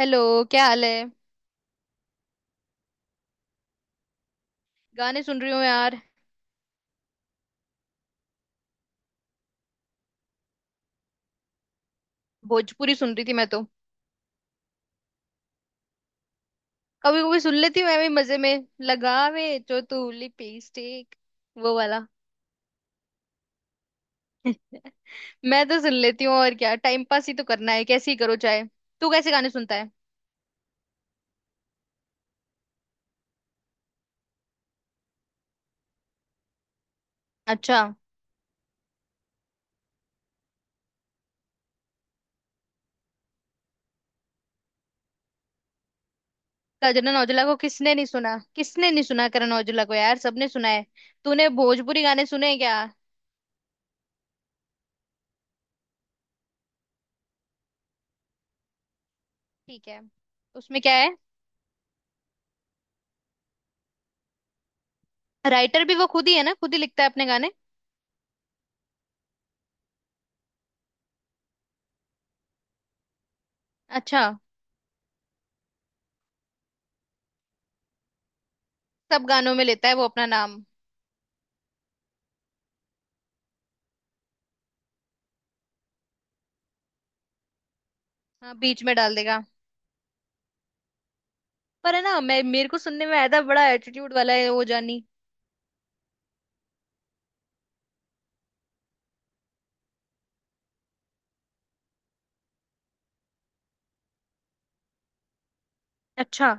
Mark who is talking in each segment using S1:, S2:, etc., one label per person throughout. S1: Hello. क्या हाल है? गाने सुन रही हूँ यार। भोजपुरी सुन रही थी मैं तो। कभी कभी सुन लेती हूँ मैं भी, मजे में लगावे जो तू लिपी स्टिक, वो वाला। मैं तो सुन लेती हूँ, और क्या, टाइम पास ही तो करना है, कैसे ही करो चाहे। तू कैसे गाने सुनता है? अच्छा। करण औजला को किसने नहीं सुना, किसने नहीं सुना करण औजला को यार, सबने सुना है। तूने भोजपुरी गाने सुने हैं क्या? ठीक है। उसमें क्या है? राइटर भी वो खुद ही है ना, खुद ही लिखता है अपने गाने। अच्छा। सब गानों में लेता है वो अपना नाम। हाँ बीच में डाल देगा। पर है ना, मैं, मेरे को सुनने में आया था, बड़ा एटीट्यूड वाला है वो जानी। अच्छा।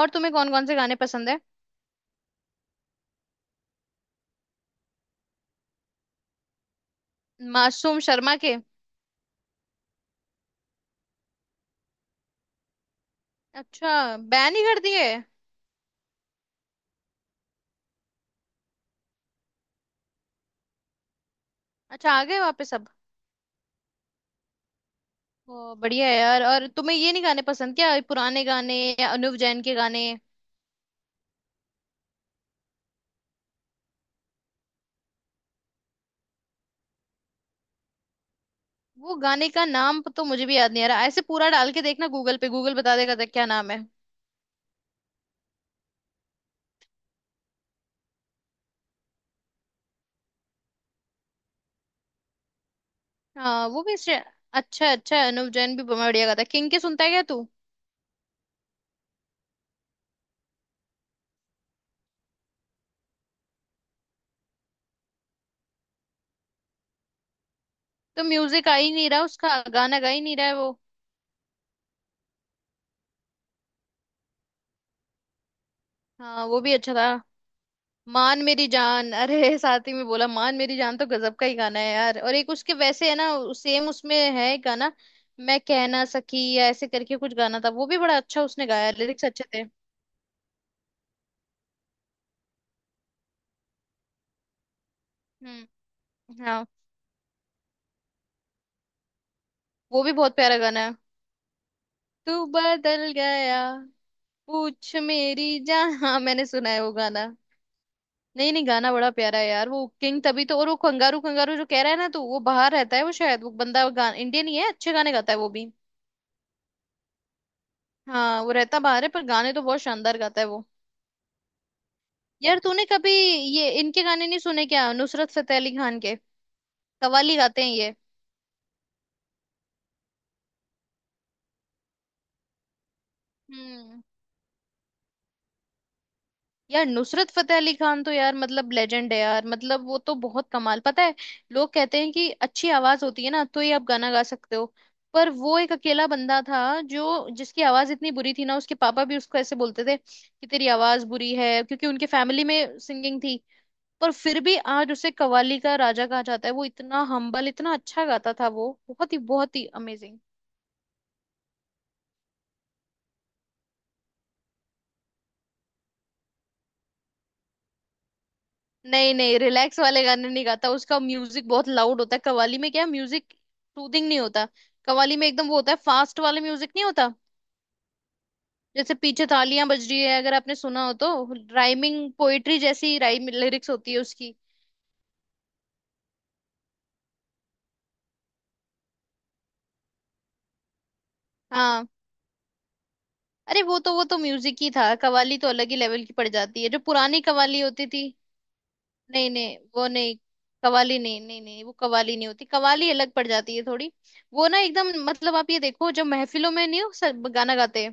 S1: और तुम्हें कौन कौन से गाने पसंद है? मासूम शर्मा के? अच्छा, बैन ही कर दिए। अच्छा, आ गए वापस अब। ओ बढ़िया है यार। और तुम्हें ये नहीं गाने पसंद क्या, पुराने गाने, या अनुव जैन के गाने? वो गाने का नाम तो मुझे भी याद नहीं आ रहा। ऐसे पूरा डाल के देखना गूगल पे, गूगल बता देगा था क्या नाम है। हाँ वो भी अच्छा अच्छा, अनुव जैन भी बढ़िया गाता है। किंग के सुनता है क्या तू? तो म्यूजिक आ ही नहीं रहा उसका, गाना गा ही नहीं रहा है वो। हाँ वो भी अच्छा था। मान मेरी जान। अरे साथ ही में बोला मान मेरी जान, तो गजब का ही गाना है यार। और एक उसके वैसे है ना सेम उसमें है एक गाना, मैं कह ना सकी या ऐसे करके कुछ गाना था, वो भी बड़ा अच्छा उसने गाया, लिरिक्स अच्छे थे। हम्म। हाँ वो भी बहुत प्यारा गाना है, तू बदल गया, पूछ मेरी जान हाँ मैंने सुना है वो गाना। नहीं नहीं, गाना बड़ा प्यारा है यार वो, किंग तभी तो। और वो कंगारू कंगारू जो कह रहा है ना, तो वो बाहर रहता है वो, शायद वो बंदा गान इंडियन ही है, अच्छे गाने गाता है वो भी। हाँ वो रहता बाहर है, पर गाने तो बहुत शानदार गाता है वो। यार तूने कभी ये इनके गाने नहीं सुने क्या, नुसरत फतेह अली खान के? कव्वाली गाते हैं ये। हम्म। यार नुसरत फतेह अली खान तो यार मतलब लेजेंड है यार, मतलब वो तो बहुत कमाल, पता है लोग कहते हैं कि अच्छी आवाज होती है ना तो ही आप गाना गा सकते हो। पर वो एक अकेला बंदा था जो, जिसकी आवाज इतनी बुरी थी ना, उसके पापा भी उसको ऐसे बोलते थे कि तेरी आवाज बुरी है, क्योंकि उनके फैमिली में सिंगिंग थी। पर फिर भी आज उसे कव्वाली का राजा कहा जाता है, वो इतना हम्बल, इतना अच्छा गाता था वो, बहुत ही अमेजिंग। नहीं नहीं, रिलैक्स वाले गाने नहीं गाता, उसका म्यूजिक बहुत लाउड होता है। कव्वाली में क्या म्यूजिक सूदिंग नहीं होता, कव्वाली में एकदम वो होता है फास्ट वाला, म्यूजिक नहीं होता। जैसे पीछे थालियां बज रही है, अगर आपने सुना हो तो। राइमिंग पोएट्री जैसी राइम लिरिक्स होती है उसकी। हाँ। अरे वो तो म्यूजिक ही था, कव्वाली तो अलग ही लेवल की पड़ जाती है, जो पुरानी कव्वाली होती थी। नहीं नहीं वो नहीं, कव्वाली नहीं, नहीं नहीं वो कव्वाली नहीं होती, कव्वाली अलग पड़ जाती है थोड़ी। वो ना एकदम मतलब, आप ये देखो जो महफिलों में नहीं हो, सब गाना गाते,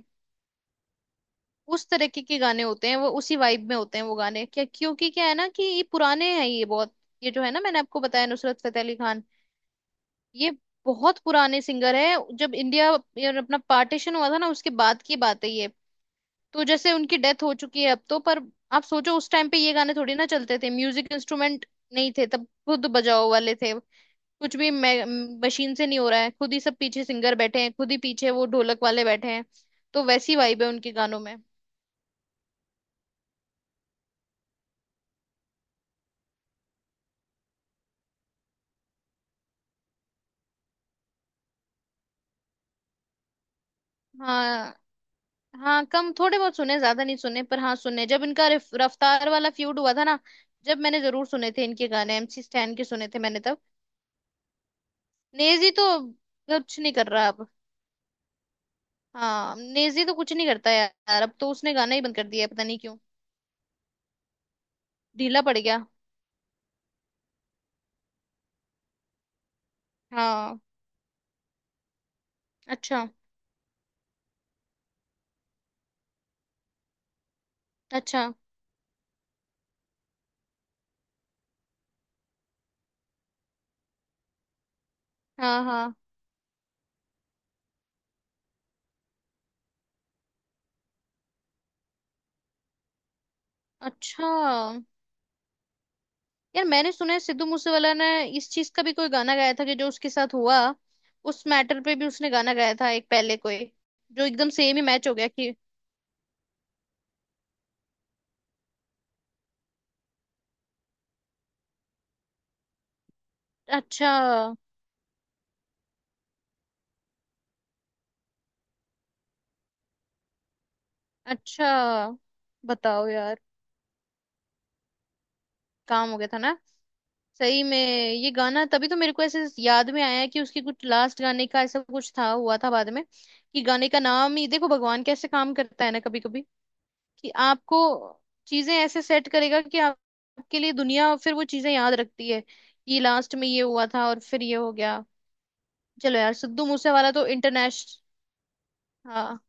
S1: उस तरीके के गाने होते हैं वो, उसी वाइब में होते हैं वो गाने, क्या, क्योंकि क्या है ना, कि ये पुराने हैं ये बहुत। ये जो है ना, मैंने आपको बताया, नुसरत फतेह अली खान ये बहुत पुराने सिंगर है। जब इंडिया, ये अपना पार्टीशन हुआ था ना, उसके बाद की बात है ये। तो जैसे उनकी डेथ हो चुकी है अब तो, पर आप सोचो उस टाइम पे ये गाने थोड़ी ना चलते थे, म्यूजिक इंस्ट्रूमेंट नहीं थे तब, खुद बजाओ वाले थे कुछ भी, मशीन से नहीं हो रहा है, खुद ही सब पीछे सिंगर बैठे हैं, खुद ही पीछे वो ढोलक वाले बैठे हैं। तो वैसी वाइब है उनके गानों में। हाँ हाँ कम, थोड़े बहुत सुने, ज्यादा नहीं सुने, पर हाँ सुने, जब इनका रफ्तार वाला फ्यूड हुआ था ना, जब, मैंने जरूर सुने थे इनके गाने, एमसी स्टैन के सुने थे मैंने तब। नेजी तो कुछ नहीं कर रहा अब। हाँ नेजी तो कुछ नहीं करता यार अब तो, उसने गाना ही बंद कर दिया है, पता नहीं क्यों। ढीला पड़ गया। हाँ। अच्छा। अच्छा। हाँ। हाँ। अच्छा। यार मैंने सुना है सिद्धू मूसेवाला ने इस चीज का भी कोई गाना गाया था, कि जो उसके साथ हुआ, उस मैटर पे भी उसने गाना गाया था एक पहले, कोई जो एकदम सेम ही मैच हो गया कि। अच्छा। अच्छा। बताओ यार, काम हो गया था ना। सही में ये गाना, तभी तो मेरे को ऐसे याद में आया कि उसके कुछ लास्ट गाने का ऐसा कुछ था, हुआ था बाद में, कि गाने का नाम ही। देखो भगवान कैसे काम करता है ना, कभी कभी कि आपको चीजें ऐसे सेट करेगा कि आपके लिए दुनिया फिर वो चीजें याद रखती है, कि लास्ट में ये हुआ था और फिर ये हो गया। चलो यार सिद्धू मूसेवाला तो इंटरनेशनल। हाँ।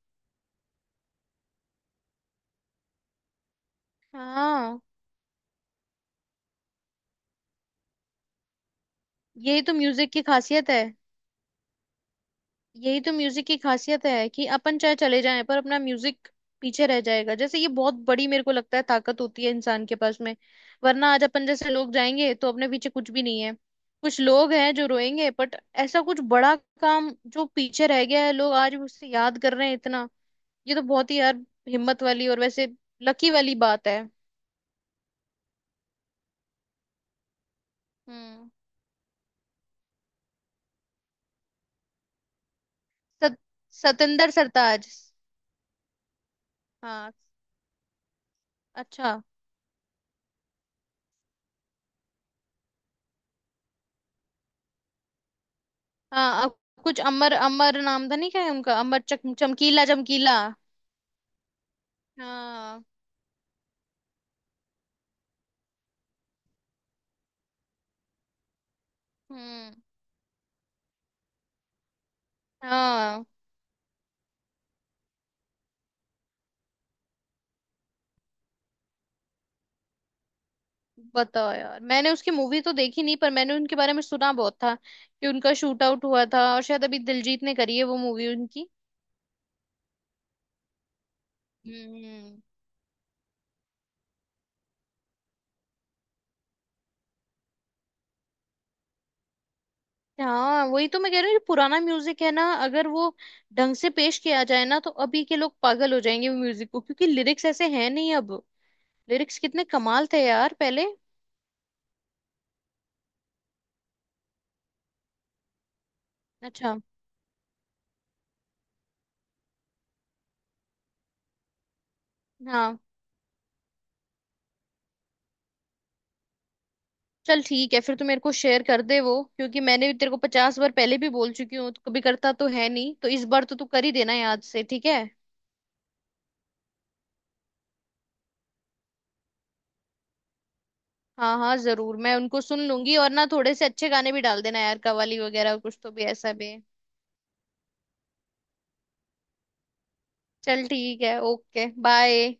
S1: हाँ। यही तो म्यूजिक की खासियत है। यही तो म्यूजिक की खासियत है कि अपन चाहे चले जाएं, पर अपना म्यूजिक पीछे रह जाएगा। जैसे ये बहुत बड़ी मेरे को लगता है ताकत होती है इंसान के पास में, वरना आज अपन जैसे लोग जाएंगे तो अपने पीछे कुछ भी नहीं है। कुछ लोग हैं जो रोएंगे बट, ऐसा कुछ बड़ा काम जो पीछे रह गया है, लोग आज भी उससे याद कर रहे हैं, इतना। ये तो बहुत ही यार हिम्मत वाली और वैसे लकी वाली बात है। हम्म। सत, सतेंद्र सरताज। हाँ। अच्छा। हाँ। अब कुछ अमर, अमर नाम था नहीं, क्या है उनका, अमर चमकीला, चमकीला। हाँ। हम्म। हाँ। बताओ यार, मैंने उसकी मूवी तो देखी नहीं, पर मैंने उनके बारे में सुना बहुत था, कि उनका शूट आउट हुआ था, और शायद अभी दिलजीत ने करी है वो मूवी उनकी। हम्म। हाँ वही तो मैं कह रही हूँ, जो पुराना म्यूजिक है ना, अगर वो ढंग से पेश किया जाए ना, तो अभी के लोग पागल हो जाएंगे वो म्यूजिक को, क्योंकि लिरिक्स ऐसे हैं नहीं अब। लिरिक्स कितने कमाल थे यार पहले। अच्छा। हाँ। चल ठीक है, फिर तू मेरे को शेयर कर दे वो, क्योंकि मैंने भी तेरे को 50 बार पहले भी बोल चुकी हूँ, तो कभी करता तो है नहीं, तो इस बार तो तू कर ही देना याद से, ठीक है? हाँ हाँ जरूर मैं उनको सुन लूंगी, और ना थोड़े से अच्छे गाने भी डाल देना यार, कवाली वगैरह कुछ तो भी ऐसा भी। चल ठीक है, ओके बाय।